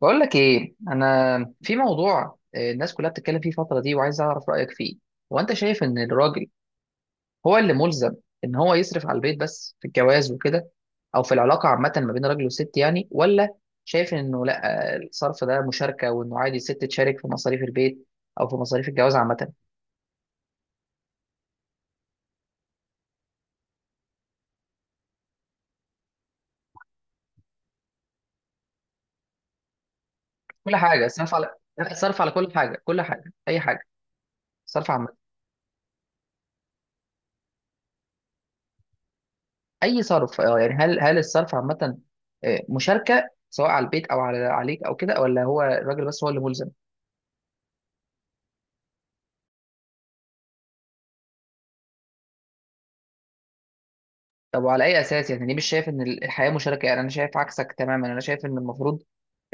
بقول لك ايه، انا في موضوع الناس كلها بتتكلم فيه الفتره دي وعايز اعرف رايك فيه. هو انت شايف ان الراجل هو اللي ملزم ان هو يصرف على البيت بس في الجواز وكده، او في العلاقه عامه ما بين راجل وست يعني، ولا شايف انه لا الصرف ده مشاركه وانه عادي الست تشارك في مصاريف البيت او في مصاريف الجواز عامه؟ كل حاجه، صرف على صرف على كل حاجه، كل حاجه، اي حاجه، صرف عامه، اي صرف، اه يعني هل الصرف عامه مشاركه سواء على البيت او على عليك او كده، ولا هو الراجل بس هو اللي ملزم؟ طب وعلى اي اساس؟ يعني ليه مش شايف ان الحياه مشاركه؟ يعني انا شايف عكسك تماما. انا شايف ان المفروض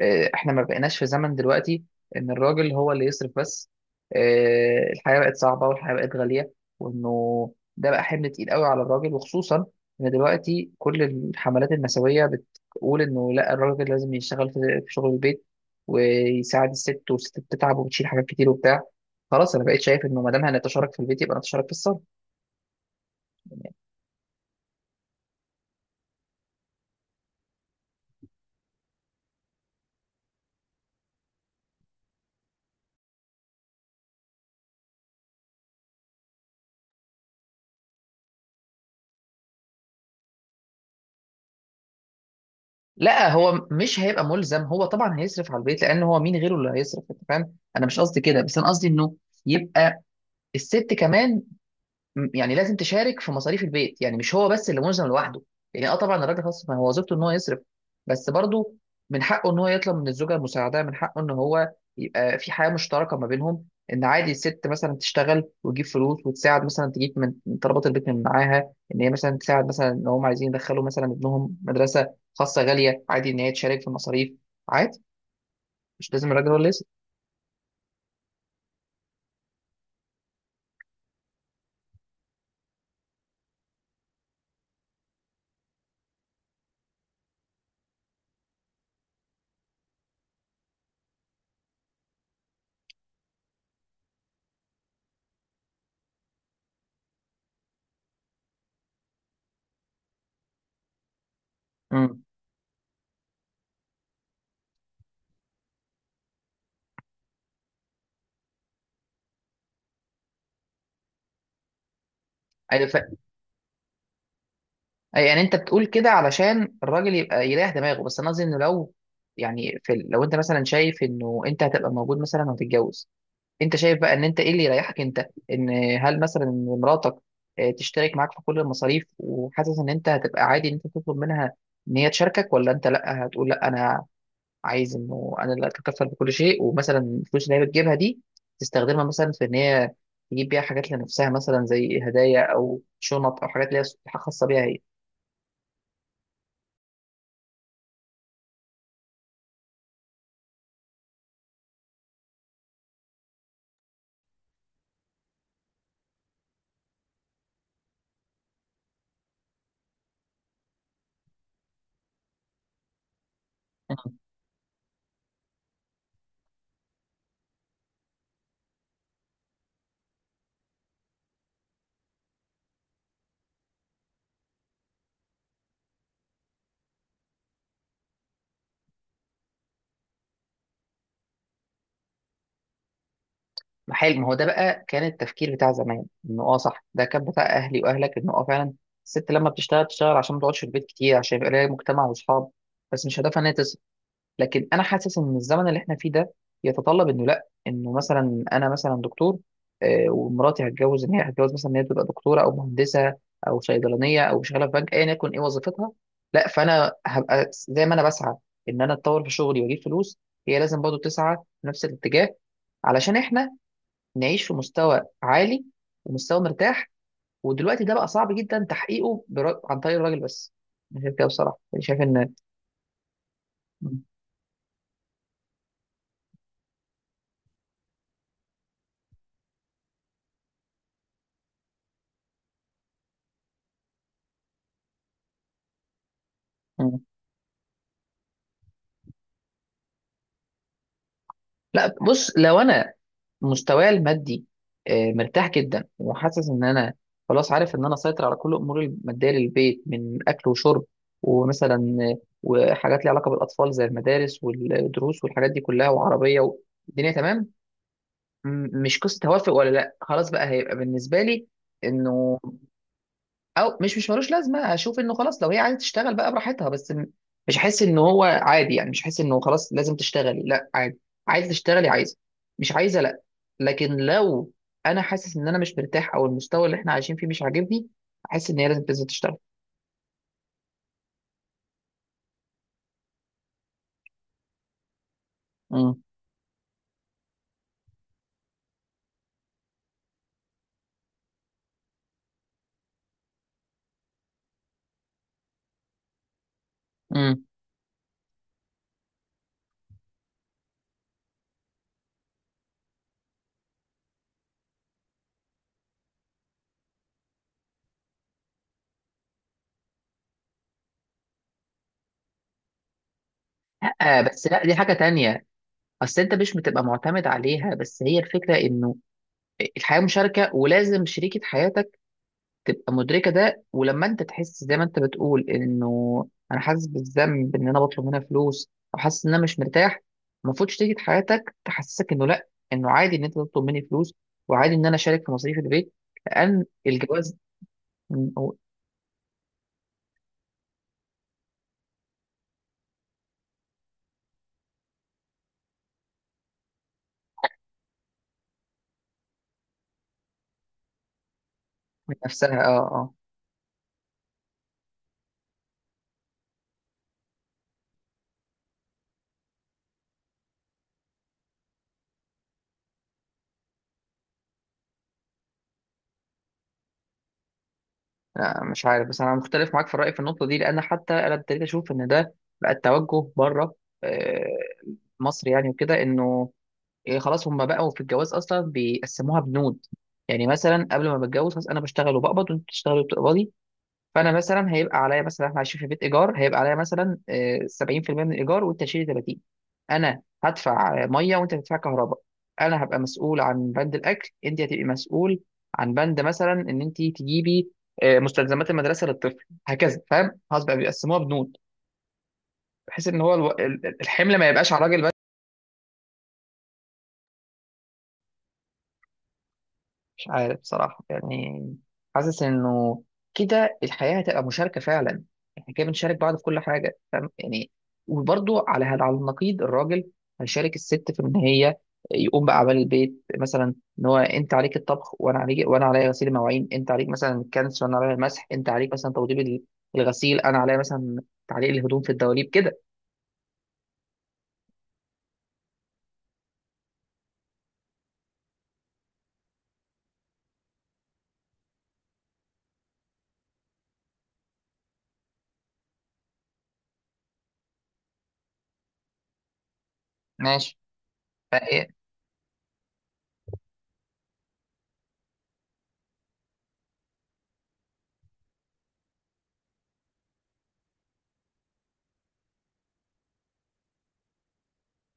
احنا ما بقيناش في زمن دلوقتي ان الراجل هو اللي يصرف بس. الحياه بقت صعبه والحياه بقت غاليه، وانه ده بقى حمل تقيل قوي على الراجل، وخصوصا ان دلوقتي كل الحملات النسويه بتقول انه لا، الراجل لازم يشتغل في في شغل البيت ويساعد الست، والست بتتعب وبتشيل حاجات كتير وبتاع. خلاص انا بقيت شايف انه ما دام هنتشارك في البيت يبقى نتشارك في الصرف. لا هو مش هيبقى ملزم، هو طبعا هيصرف على البيت، لان هو مين غيره اللي هيصرف؟ انت فاهم، انا مش قصدي كده، بس انا قصدي انه يبقى الست كمان يعني لازم تشارك في مصاريف البيت، يعني مش هو بس اللي ملزم لوحده. يعني اه طبعا الراجل خلاص، ما هو وظيفته ان هو يصرف، بس برضه من حقه ان هو يطلب من الزوجه المساعده، من حقه ان هو يبقى في حياه مشتركه ما بينهم، ان عادي الست مثلا تشتغل وتجيب فلوس وتساعد، مثلا تجيب من طلبات البيت من معاها، ان هي مثلا تساعد، مثلا ان هم عايزين يدخلوا مثلا ابنهم مدرسه خاصه غاليه، عادي ان هي تشارك في المصاريف. عادي، مش لازم الراجل هو اللي يصرف. امم، ايوه. أي، يعني انت بتقول كده علشان الراجل يبقى يريح دماغه، بس انا قصدي انه لو يعني لو انت مثلا شايف انه انت هتبقى موجود مثلا وهتتجوز، انت شايف بقى ان انت ايه اللي يريحك انت؟ ان هل مثلا إن مراتك تشترك معاك في كل المصاريف وحاسس ان انت هتبقى عادي ان انت تطلب منها ان هي تشاركك، ولا انت لا هتقول لا انا عايز انه انا اللي اتكفل بكل شيء، ومثلا الفلوس اللي هي بتجيبها دي تستخدمها مثلا في ان هي تجيب بيها حاجات لنفسها، مثلا زي هدايا او شنط او حاجات اللي هي خاصه بيها هي؟ ما حلو، ما هو ده بقى كان التفكير بتاع زمان، انه اه صح، ده كان بتاع اهلي واهلك، انه اه فعلا الست لما بتشتغل تشتغل عشان ما تقعدش في البيت كتير، عشان يبقى لها مجتمع واصحاب، بس مش هدفها ان هي تصل. لكن انا حاسس ان الزمن اللي احنا فيه ده يتطلب انه لا، انه مثلا انا مثلا دكتور ومراتي هتجوز ان هي هتجوز مثلا ان هي تبقى دكتوره او مهندسه او صيدلانيه او شغاله في بنك، ايا يكن ايه وظيفتها. لا، فانا هبقى زي ما انا بسعى ان انا اتطور في شغلي واجيب فلوس، هي لازم برضه تسعى في نفس الاتجاه علشان احنا نعيش في مستوى عالي ومستوى مرتاح. ودلوقتي ده بقى صعب جدا تحقيقه برا... عن طريق الراجل بس. انا شايف كده بصراحه، أنا شايف ان م- م. لا بص، لو انا مستواي المادي مرتاح جدا وحاسس ان انا خلاص عارف ان انا اسيطر على كل اموري الماديه للبيت، من اكل وشرب، ومثلا وحاجات ليها علاقه بالاطفال زي المدارس والدروس والحاجات دي كلها وعربيه والدنيا تمام، مش قصه توافق ولا لا. خلاص بقى هيبقى بالنسبه لي انه او مش ملوش لازمه، هشوف انه خلاص، لو هي عايزه تشتغل بقى براحتها، بس مش هحس ان هو عادي، يعني مش هحس انه خلاص لازم تشتغلي، لا عادي، عايزه تشتغلي عايزه، مش عايزه لا. لكن لو انا حاسس ان انا مش مرتاح او المستوى اللي احنا عايشين فيه مش عاجبني، احس ان هي لازم تنزل تشتغل. امم، امم. آه، بس لا دي حاجه تانية، اصل انت مش بتبقى معتمد عليها، بس هي الفكره انه الحياه مشاركه، ولازم شريكه حياتك تبقى مدركه ده، ولما انت تحس زي ما انت بتقول انه انا حاسس بالذنب ان انا بطلب منها فلوس، او حاسس ان انا مش مرتاح، المفروض شريكه حياتك تحسسك انه لا، انه عادي ان انت تطلب مني فلوس، وعادي ان انا اشارك في مصاريف البيت، لان الجواز من. من نفسها اه اه. لا، مش عارف، بس انا مختلف معاك في الراي في النقطه دي، لان حتى انا ابتديت اشوف ان ده بقى التوجه بره آه، مصر يعني وكده، انه إيه، خلاص هم بقوا في الجواز اصلا بيقسموها بنود، يعني مثلا قبل ما بتجوز، خلاص انا بشتغل وبقبض وانت بتشتغلي وبتقبضي، فانا مثلا هيبقى عليا مثلا، احنا عايشين في بيت ايجار، هيبقى عليا مثلا 70% من الايجار وانت تشيلي 30، انا هدفع ميه وانت هتدفع كهرباء، انا هبقى مسؤول عن بند الاكل، انت هتبقي مسؤول عن بند مثلا ان انت تجيبي مستلزمات المدرسه للطفل، هكذا، فاهم؟ خلاص بقى بيقسموها بنود بحيث ان هو الحمل ما يبقاش على الراجل. مش عارف بصراحة يعني، حاسس إنه كده الحياة هتبقى مشاركة فعلا، إحنا كده بنشارك بعض في كل حاجة فاهم يعني. وبرضو على هذا، على النقيض، الراجل هيشارك الست في إن هي يقوم بأعمال البيت، مثلا إن هو أنت عليك الطبخ وأنا عليك، وأنا عليا غسيل المواعين، أنت عليك مثلا الكنس وأنا عليا المسح، أنت عليك مثلا توضيب الغسيل، أنا عليا مثلا تعليق الهدوم في الدواليب كده. ماشي.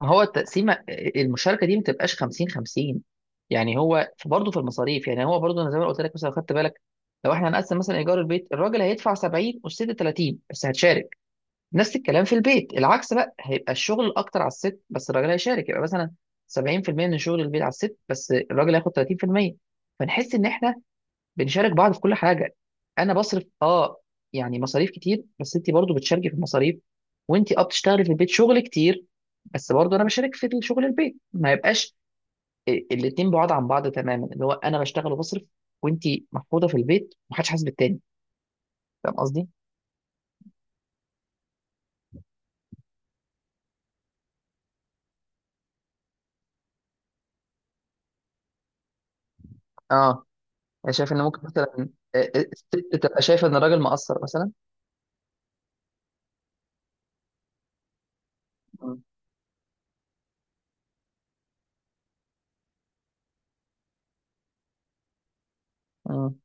هو التقسيمه، المشاركه دي ما تبقاش 50 50، يعني هو برضه في المصاريف، يعني هو برضه انا زي ما قلت لك مثلا لو خدت بالك، لو احنا هنقسم مثلا ايجار البيت الراجل هيدفع 70 والست 30 بس هتشارك، نفس الكلام في البيت، العكس بقى هيبقى الشغل اكتر على الست بس الراجل هيشارك، يبقى مثلا 70% من شغل البيت على الست بس الراجل هياخد 30%، فنحس ان احنا بنشارك بعض في كل حاجه. انا بصرف اه يعني مصاريف كتير، بس انت برضه بتشاركي في المصاريف، وانت اه بتشتغلي في البيت شغل كتير، بس برضه انا بشارك في شغل البيت، ما يبقاش الاتنين بعاد عن بعض تماما، اللي هو انا بشتغل وبصرف وانت محفوظه في البيت، ومحدش حاسس بالتاني، فاهم قصدي؟ اه، انا شايف ان ممكن مثلا الست تبقى شايفه ان الراجل مقصر مثلا. مم. مم.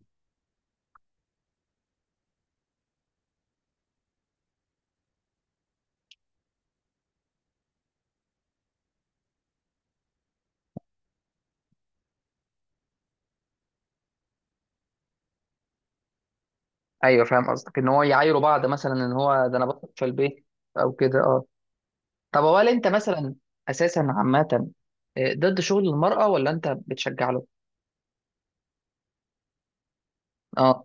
ايوه، فاهم قصدك، ان هو يعايروا بعض، مثلا ان هو ده انا بصرف في البيت او كده، اه. طب هو، هل انت مثلا اساسا عامه ضد شغل المراه ولا انت بتشجع له؟ اه.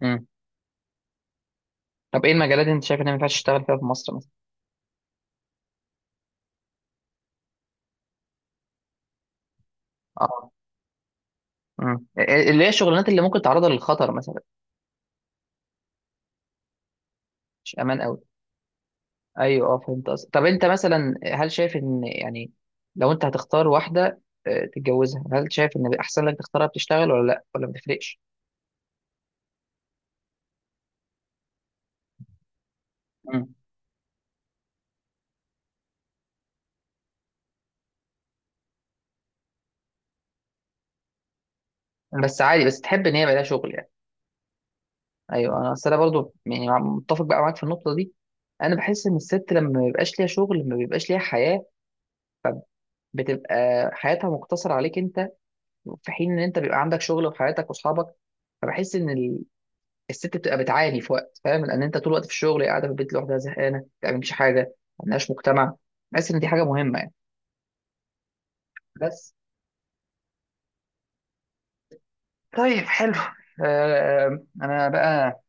مم. طب ايه المجالات اللي انت شايف انها ما ينفعش تشتغل فيها في مصر مثلا؟ اه، مم، اللي هي الشغلانات اللي ممكن تعرضها للخطر مثلا. مش امان قوي. ايوه، اه فهمت قصدك. طب انت مثلا هل شايف ان يعني، لو انت هتختار واحده تتجوزها، هل شايف ان احسن لك تختارها بتشتغل ولا لا، ولا ما تفرقش؟ مم. بس عادي، بس تحب ان هي يبقى لها شغل يعني. ايوه، انا اصل انا برضو يعني متفق بقى معاك في النقطه دي. انا بحس ان الست لما ما بيبقاش ليها شغل ما بيبقاش ليها حياه، بتبقى حياتها مقتصره عليك انت، في حين ان انت بيبقى عندك شغل وحياتك واصحابك، فبحس ان الست بتبقى بتعاني في وقت، فاهم؟ لان انت طول الوقت في الشغل، قاعده في البيت لوحدها زهقانه، ما بتعملش حاجه، ما عندهاش مجتمع، بحس ان دي حاجه مهمه يعني. بس طيب، حلو. آه انا بقى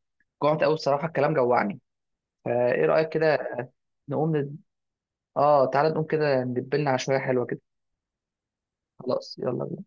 جوعت قوي بصراحه، الكلام جوعني، فايه رايك كده؟ نقوم ند... اه تعالى نقوم كده ندبلنا على شويه حلوه كده. خلاص، يلا بينا.